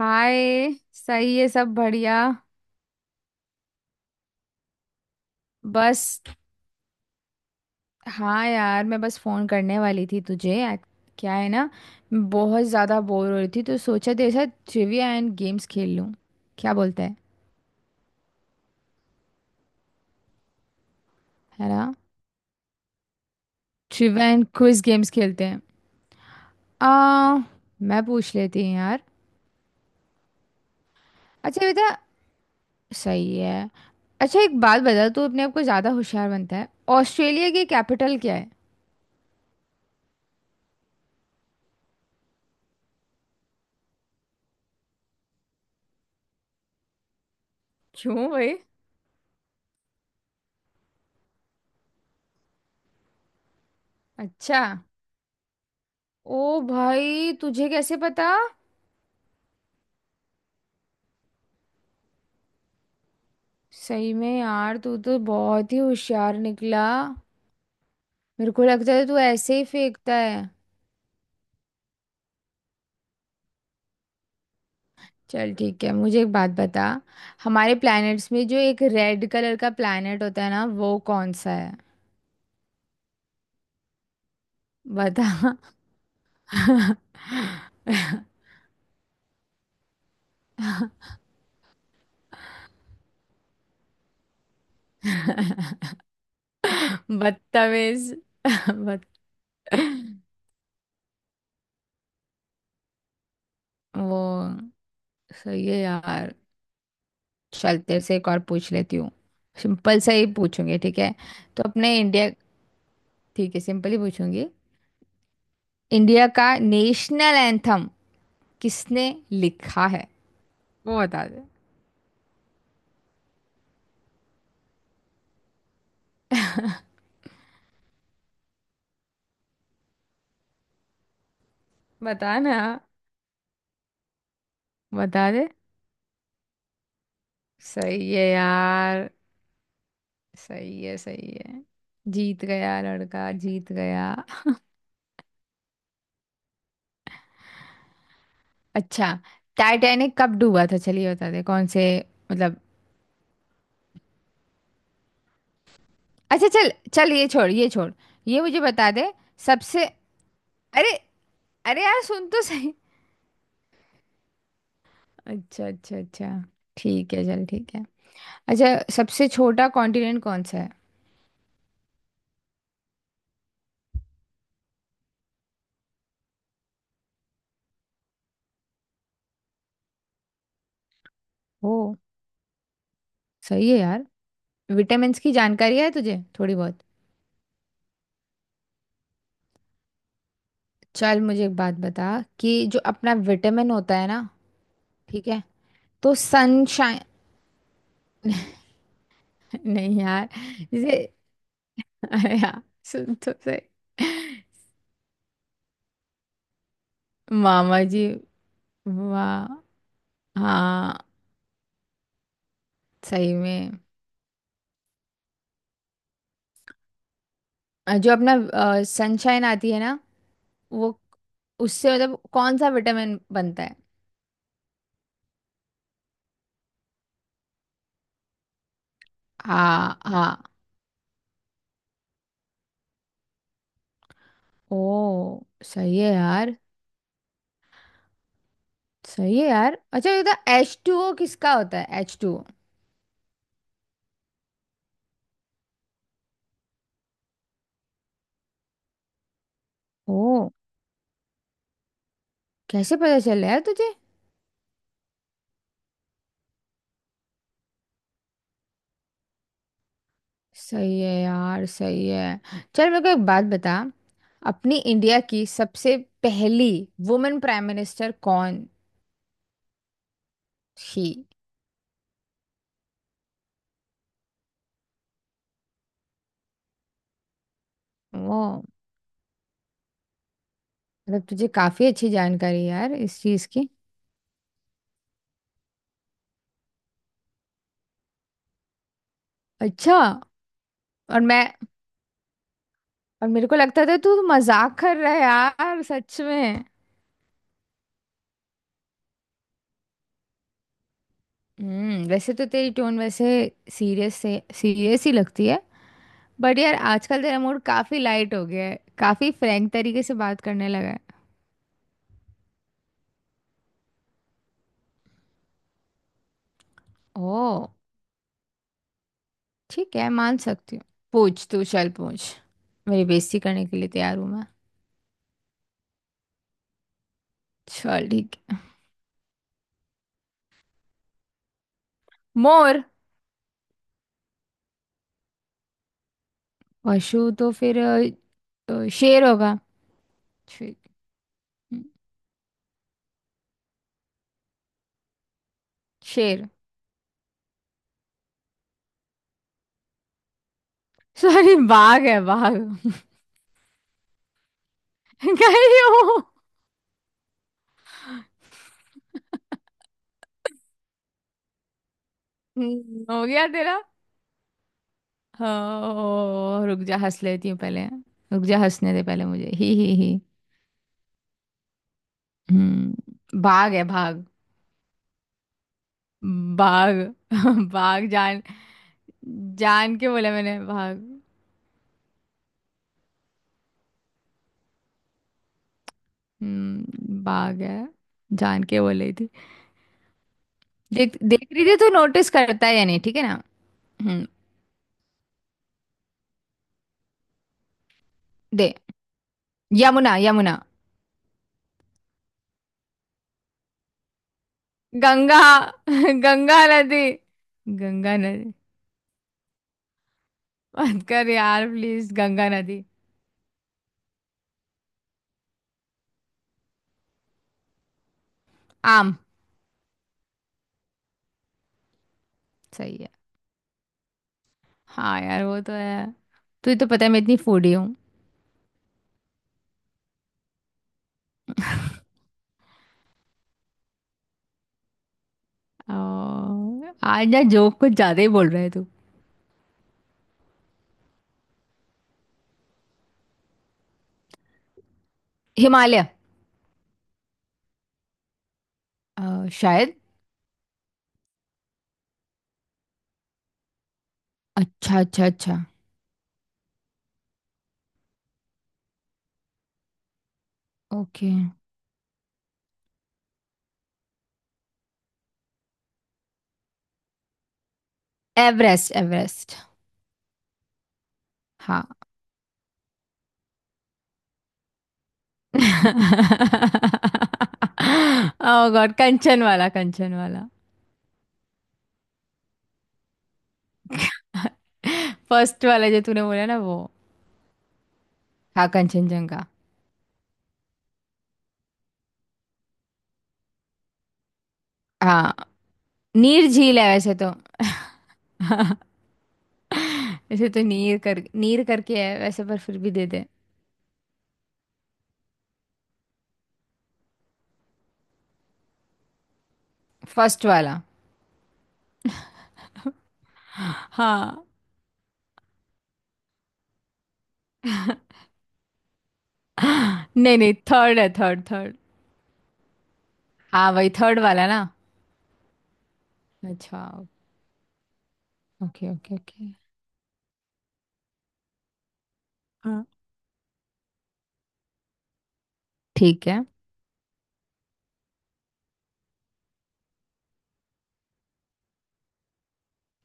हाय। सही है, सब बढ़िया। बस हाँ यार, मैं बस फोन करने वाली थी तुझे क्या है ना, मैं बहुत ज़्यादा बोर हो रही थी तो सोचा तेरे साथ ट्रिविया एंड गेम्स खेल लूँ, क्या बोलता है? है ना। ट्रिविया एंड क्विज गेम्स खेलते हैं। आ मैं पूछ लेती हूँ यार। अच्छा बेटा, सही है। अच्छा एक बात बता, तू अपने आप को ज़्यादा होशियार बनता है। ऑस्ट्रेलिया की कैपिटल क्या है? क्यों भाई? अच्छा। ओ भाई, तुझे कैसे पता? सही में यार, तू तो बहुत ही होशियार निकला। मेरे को लगता है तू ऐसे ही फेंकता है। चल ठीक है, मुझे एक बात बता। हमारे प्लैनेट्स में जो एक रेड कलर का प्लैनेट होता है ना, वो कौन सा है? बता। बदतमीज। बद। वो सही है यार। चल तेरे से एक और पूछ लेती हूँ। सिंपल सा ही पूछूंगी, ठीक है? तो अपने इंडिया। ठीक है सिंपल ही पूछूंगी। इंडिया का नेशनल एंथम किसने लिखा है, वो बता दे। बता ना, बता दे। सही है यार, सही है, सही है। जीत गया लड़का, जीत गया। अच्छा टाइटैनिक कब डूबा था, चलिए बता दे, कौन से मतलब। अच्छा चल चल, ये छोड़ ये छोड़। ये मुझे बता दे। सबसे, अरे। अरे यार सुन तो सही। अच्छा अच्छा अच्छा, ठीक है चल ठीक है। अच्छा सबसे छोटा कॉन्टिनेंट कौन सा है? ओ सही है यार। विटामिन्स की जानकारी है तुझे थोड़ी बहुत? चल मुझे एक बात बता, कि जो अपना विटामिन होता है ना, ठीक है, तो सनशाइन। नहीं यार। जैसे अरे यार सुन तो सही। मामा जी। वाह। हाँ, सही में। जो अपना सनशाइन आती है ना, वो, उससे मतलब कौन सा विटामिन बनता है? हाँ हाँ। ओ सही है यार। सही है यार। अच्छा ये तो एच टू ओ किसका होता है? एच टू ओ कैसे पता चल रहा है तुझे? सही है यार, सही है। चल मेरे को एक बात बता, अपनी इंडिया की सबसे पहली वुमेन प्राइम मिनिस्टर कौन थी? वो मतलब तुझे काफी अच्छी जानकारी है यार इस चीज की। अच्छा। और मैं, और मेरे को लगता था तू मजाक कर रहा है यार, सच में। हम्म। वैसे तो तेरी टोन वैसे सीरियस से सीरियस ही लगती है, बट यार आजकल तेरा मूड काफी लाइट हो गया है, काफी फ्रैंक तरीके से बात करने लगा है। ओ। ठीक है, मान सकती हूँ। पूछ तू, चल पूछ। मेरी बेइज्जती करने के लिए तैयार हूँ मैं। चल ठीक है। मोर। पशु तो फिर शेर होगा। शे- शेर। सॉरी, बाघ है बाघ। गई हो। हो गया तेरा? हो रुक जा, हंस लेती हूँ पहले। रुक जा हंसने दे पहले मुझे, ही ही। हम्म, भाग है भाग। भाग भाग जान, जान के बोला मैंने भाग। हम्म, भाग है, जान के बोल रही थी। देख देख रही थी तो नोटिस करता है या नहीं, ठीक है ना? हम्म। दे। यमुना यमुना। गंगा। गंगा नदी। गंगा नदी मत कर यार प्लीज, गंगा नदी। आम। सही है। हाँ यार, वो तो है। तुझे तो पता है मैं इतनी फूडी हूँ। और आज यार जोक कुछ ज्यादा ही बोल रहा है तू। हिमालय। शायद। अच्छा अच्छा अच्छा। ओके। Everest Everest. हाँ। ओह गॉड। कंचन वाला, कंचन वाला। फर्स्ट वाला जो तूने बोला ना, वो। हाँ, कंचनजंगा। हाँ। नीर झील है वैसे तो। वैसे तो नीर कर, नीर करके है वैसे, पर फिर भी दे दे। फर्स्ट वाला। हाँ। नहीं नहीं, थर्ड है, थर्ड थर्ड। हाँ वही थर्ड वाला ना। अच्छा। Okay okay okay. हाँ। ठीक है।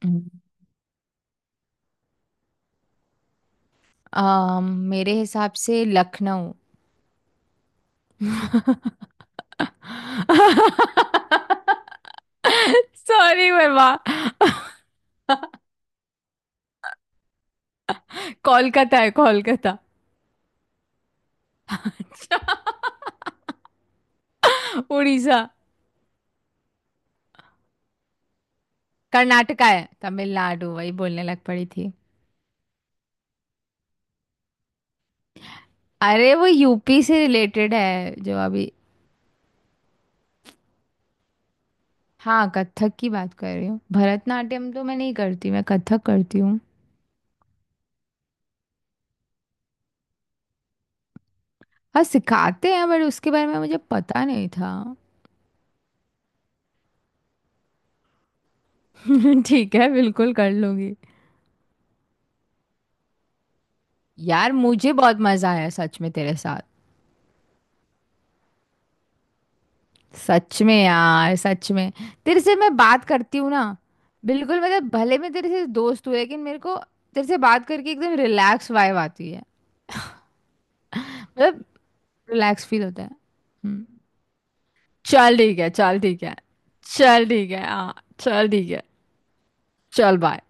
हम्म। अम, मेरे हिसाब से लखनऊ। सॉरी बाबा। कोलकाता है कोलकाता। अच्छा उड़ीसा। कर्नाटका है, तमिलनाडु वही बोलने लग पड़ी थी। अरे वो यूपी से रिलेटेड है जो अभी। हाँ कथक की बात कर रही हूँ, भरतनाट्यम तो मैं नहीं करती, मैं कथक करती हूँ। हाँ सिखाते हैं, बट उसके बारे में मुझे पता नहीं था। ठीक है, बिल्कुल कर लूंगी। यार मुझे बहुत मजा आया सच में तेरे साथ। सच में यार, सच में। तेरे से मैं बात करती हूँ ना, बिल्कुल मतलब भले मैं तेरे से दोस्त हूँ, लेकिन मेरे को तेरे से बात करके एकदम रिलैक्स वाइब आती है। मतलब रिलैक्स फील होता है। हम्म, चल ठीक है, चल ठीक है। चल ठीक है हाँ, चल ठीक है। चल बाय।